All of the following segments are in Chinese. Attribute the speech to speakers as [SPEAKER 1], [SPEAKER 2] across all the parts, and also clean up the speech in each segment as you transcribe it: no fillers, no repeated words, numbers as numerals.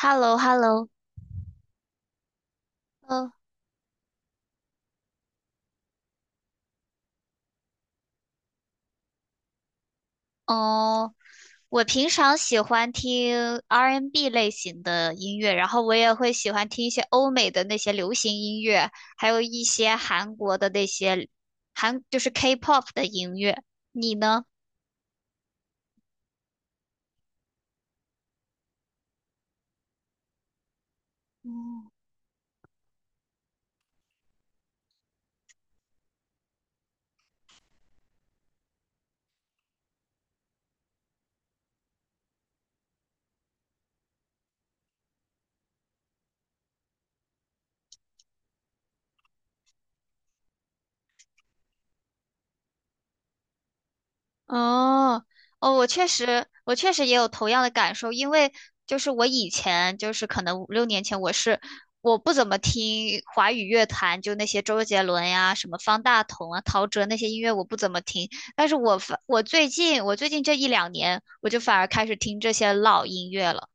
[SPEAKER 1] h e l l o h e l l o 呃，哦，我平常喜欢听 R&B N 类型的音乐，然后我也会喜欢听一些欧美的那些流行音乐，还有一些韩国的那些就是 K-pop 的音乐。你呢？哦，哦,我确实也有同样的感受，因为我以前可能五六年前，我不怎么听华语乐坛，就那些周杰伦呀、什么方大同啊、陶喆那些音乐我不怎么听，但是我最近这一两年，我就反而开始听这些老音乐了。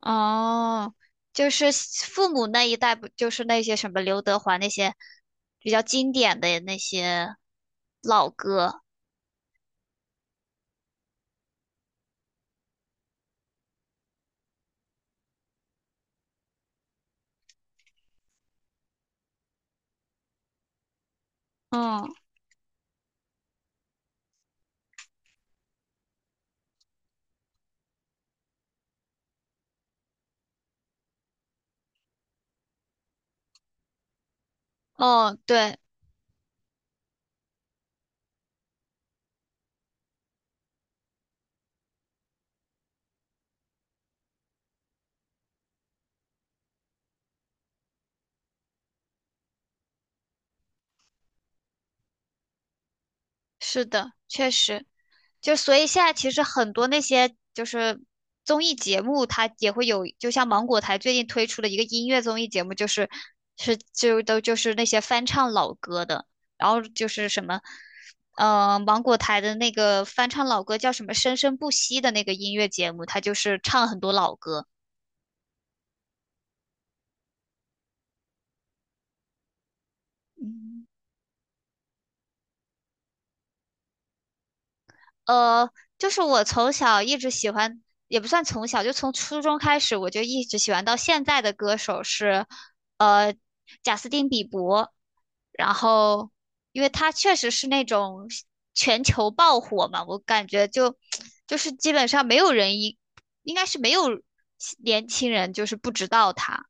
[SPEAKER 1] 哦，就是父母那一代，不就是那些什么刘德华那些比较经典的那些老歌。嗯。哦，对。是的，确实，就所以现在其实很多那些就是综艺节目，它也会有，就像芒果台最近推出了一个音乐综艺节目，就是那些翻唱老歌的，然后就是什么，呃，芒果台的那个翻唱老歌叫什么《生生不息》的那个音乐节目，它就是唱很多老歌。嗯。呃，就是我从小一直喜欢，也不算从小，就从初中开始，我就一直喜欢到现在的歌手是，呃，贾斯汀·比伯。然后，因为他确实是那种全球爆火嘛，我感觉就 就是基本上没有人一，应该是没有年轻人就是不知道他。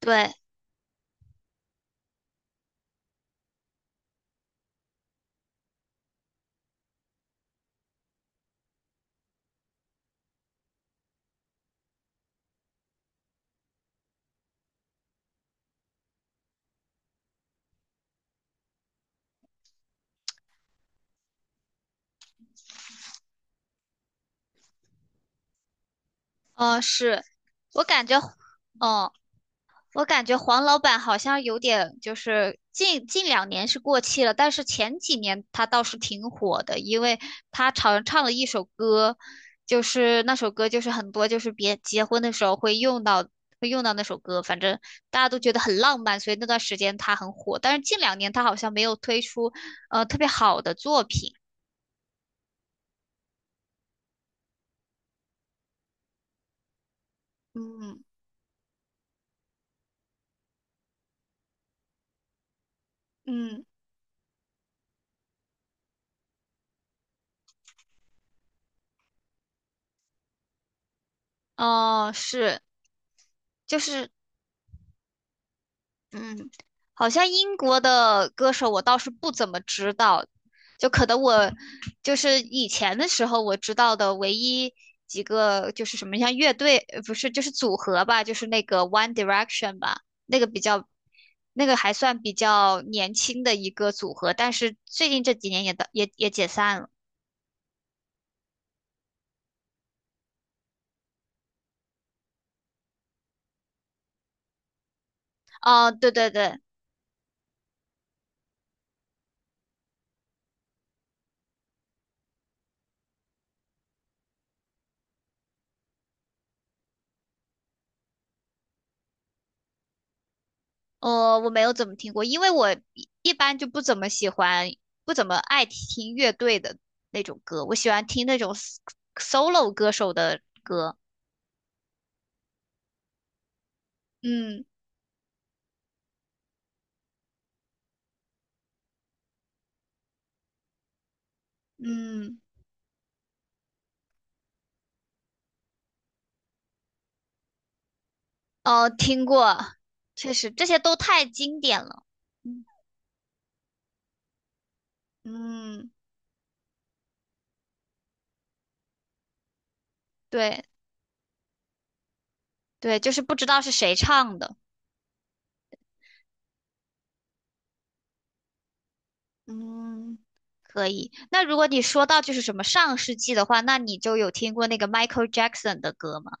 [SPEAKER 1] 对。嗯、是。我感觉。嗯、我感觉黄老板好像有点，就是近两年是过气了，但是前几年他倒是挺火的，因为他常唱了一首歌，就是那首歌就是很多就是别结婚的时候会用到那首歌，反正大家都觉得很浪漫，所以那段时间他很火。但是近两年他好像没有推出特别好的作品。嗯。嗯，哦，是，就是。嗯，好像英国的歌手我倒是不怎么知道，就可能我就是以前的时候我知道的唯一几个就是什么像乐队，不是就是组合吧，就是那个 One Direction 吧，那个比较，那个还算比较年轻的一个组合，但是最近这几年也的也也解散了。哦，对对对。我没有怎么听过，因为我一般就不怎么喜欢，不怎么爱听乐队的那种歌，我喜欢听那种 solo 歌手的歌。嗯。嗯，哦，听过，确实这些都太经典了。嗯。嗯，对对，就是不知道是谁唱的。嗯，可以。那如果你说到就是什么上世纪的话，那你就有听过那个 Michael Jackson 的歌吗？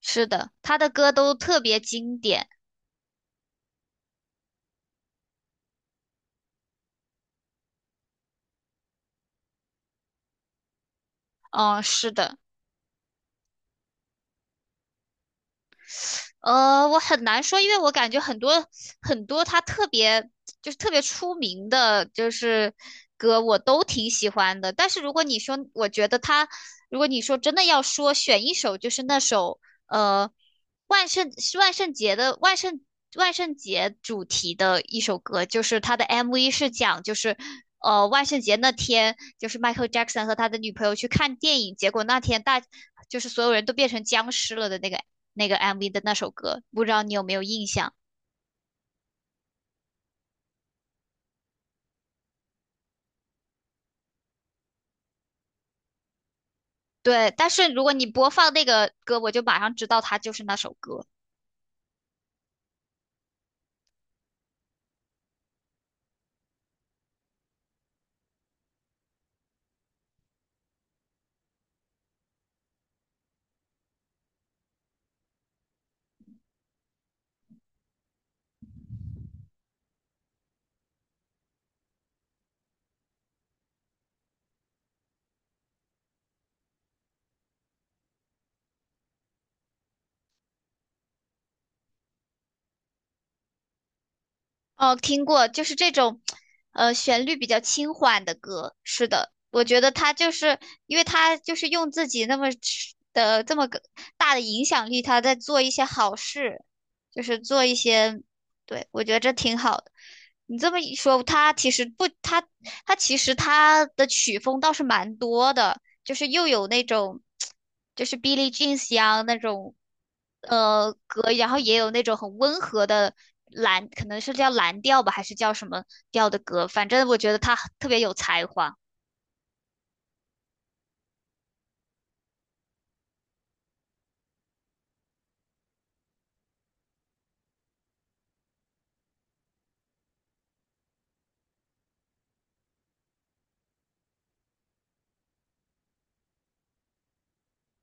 [SPEAKER 1] 是的，他的歌都特别经典。嗯，是的，我很难说，因为我感觉很多他特别就是特别出名的，就是歌我都挺喜欢的。但是如果你说，我觉得他，如果你说真的要说选一首，就是那首呃万圣是万圣节的万圣万圣节主题的一首歌，就是他的 MV 是讲就是。万圣节那天，就是 Michael Jackson 和他的女朋友去看电影，结果那天就是所有人都变成僵尸了的那个 MV 的那首歌，不知道你有没有印象？对，但是如果你播放那个歌，我就马上知道它就是那首歌。哦，听过，就是这种，旋律比较轻缓的歌。是的，我觉得他就是，因为他就是用自己那么的这么个大的影响力，他在做一些好事，就是做一些，对，我觉得这挺好的。你这么一说，他其实不，他他其实他的曲风倒是蛮多的。就是又有那种就是 Billie Jean 香那种歌，然后也有那种很温和的可能是叫蓝调吧，还是叫什么调的歌，反正我觉得他特别有才华。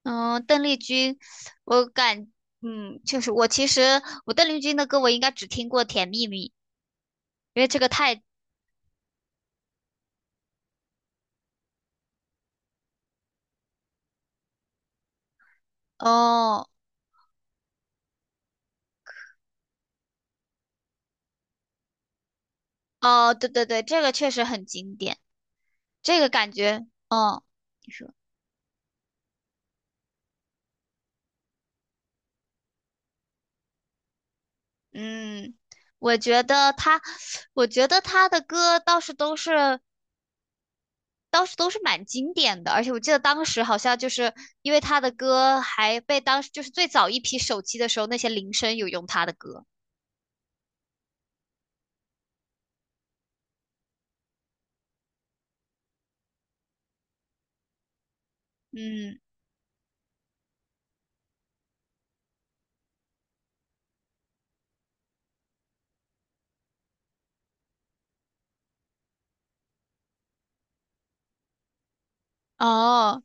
[SPEAKER 1] 嗯，邓丽君，我感，嗯，就是我其实我邓丽君的歌我应该只听过《甜蜜蜜》，因为这个太。哦哦,对对对，这个确实很经典，这个感觉，嗯。嗯，我觉得他，我觉得他的歌倒是都是蛮经典的，而且我记得当时好像就是因为他的歌还被当时就是最早一批手机的时候那些铃声有用他的歌。嗯。哦。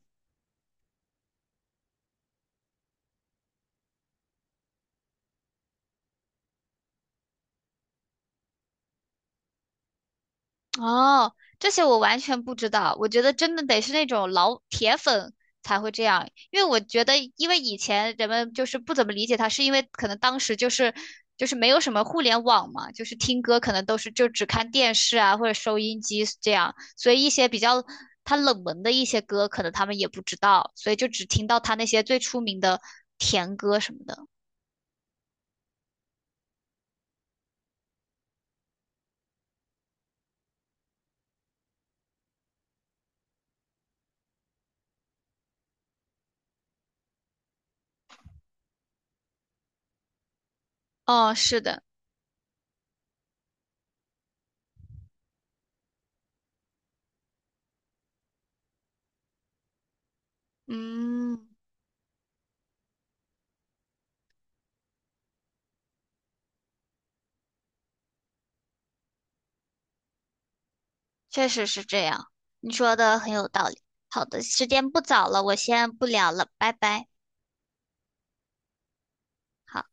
[SPEAKER 1] 哦，这些我完全不知道。我觉得真的得是那种老铁粉才会这样，因为我觉得，因为以前人们就是不怎么理解他，是因为可能当时就是就是没有什么互联网嘛，就是听歌可能都是就只看电视啊或者收音机这样，所以一些比较他冷门的一些歌，可能他们也不知道，所以就只听到他那些最出名的甜歌什么的。哦，是的。嗯。确实是这样，你说的很有道理。好的，时间不早了，我先不聊了，拜拜。好。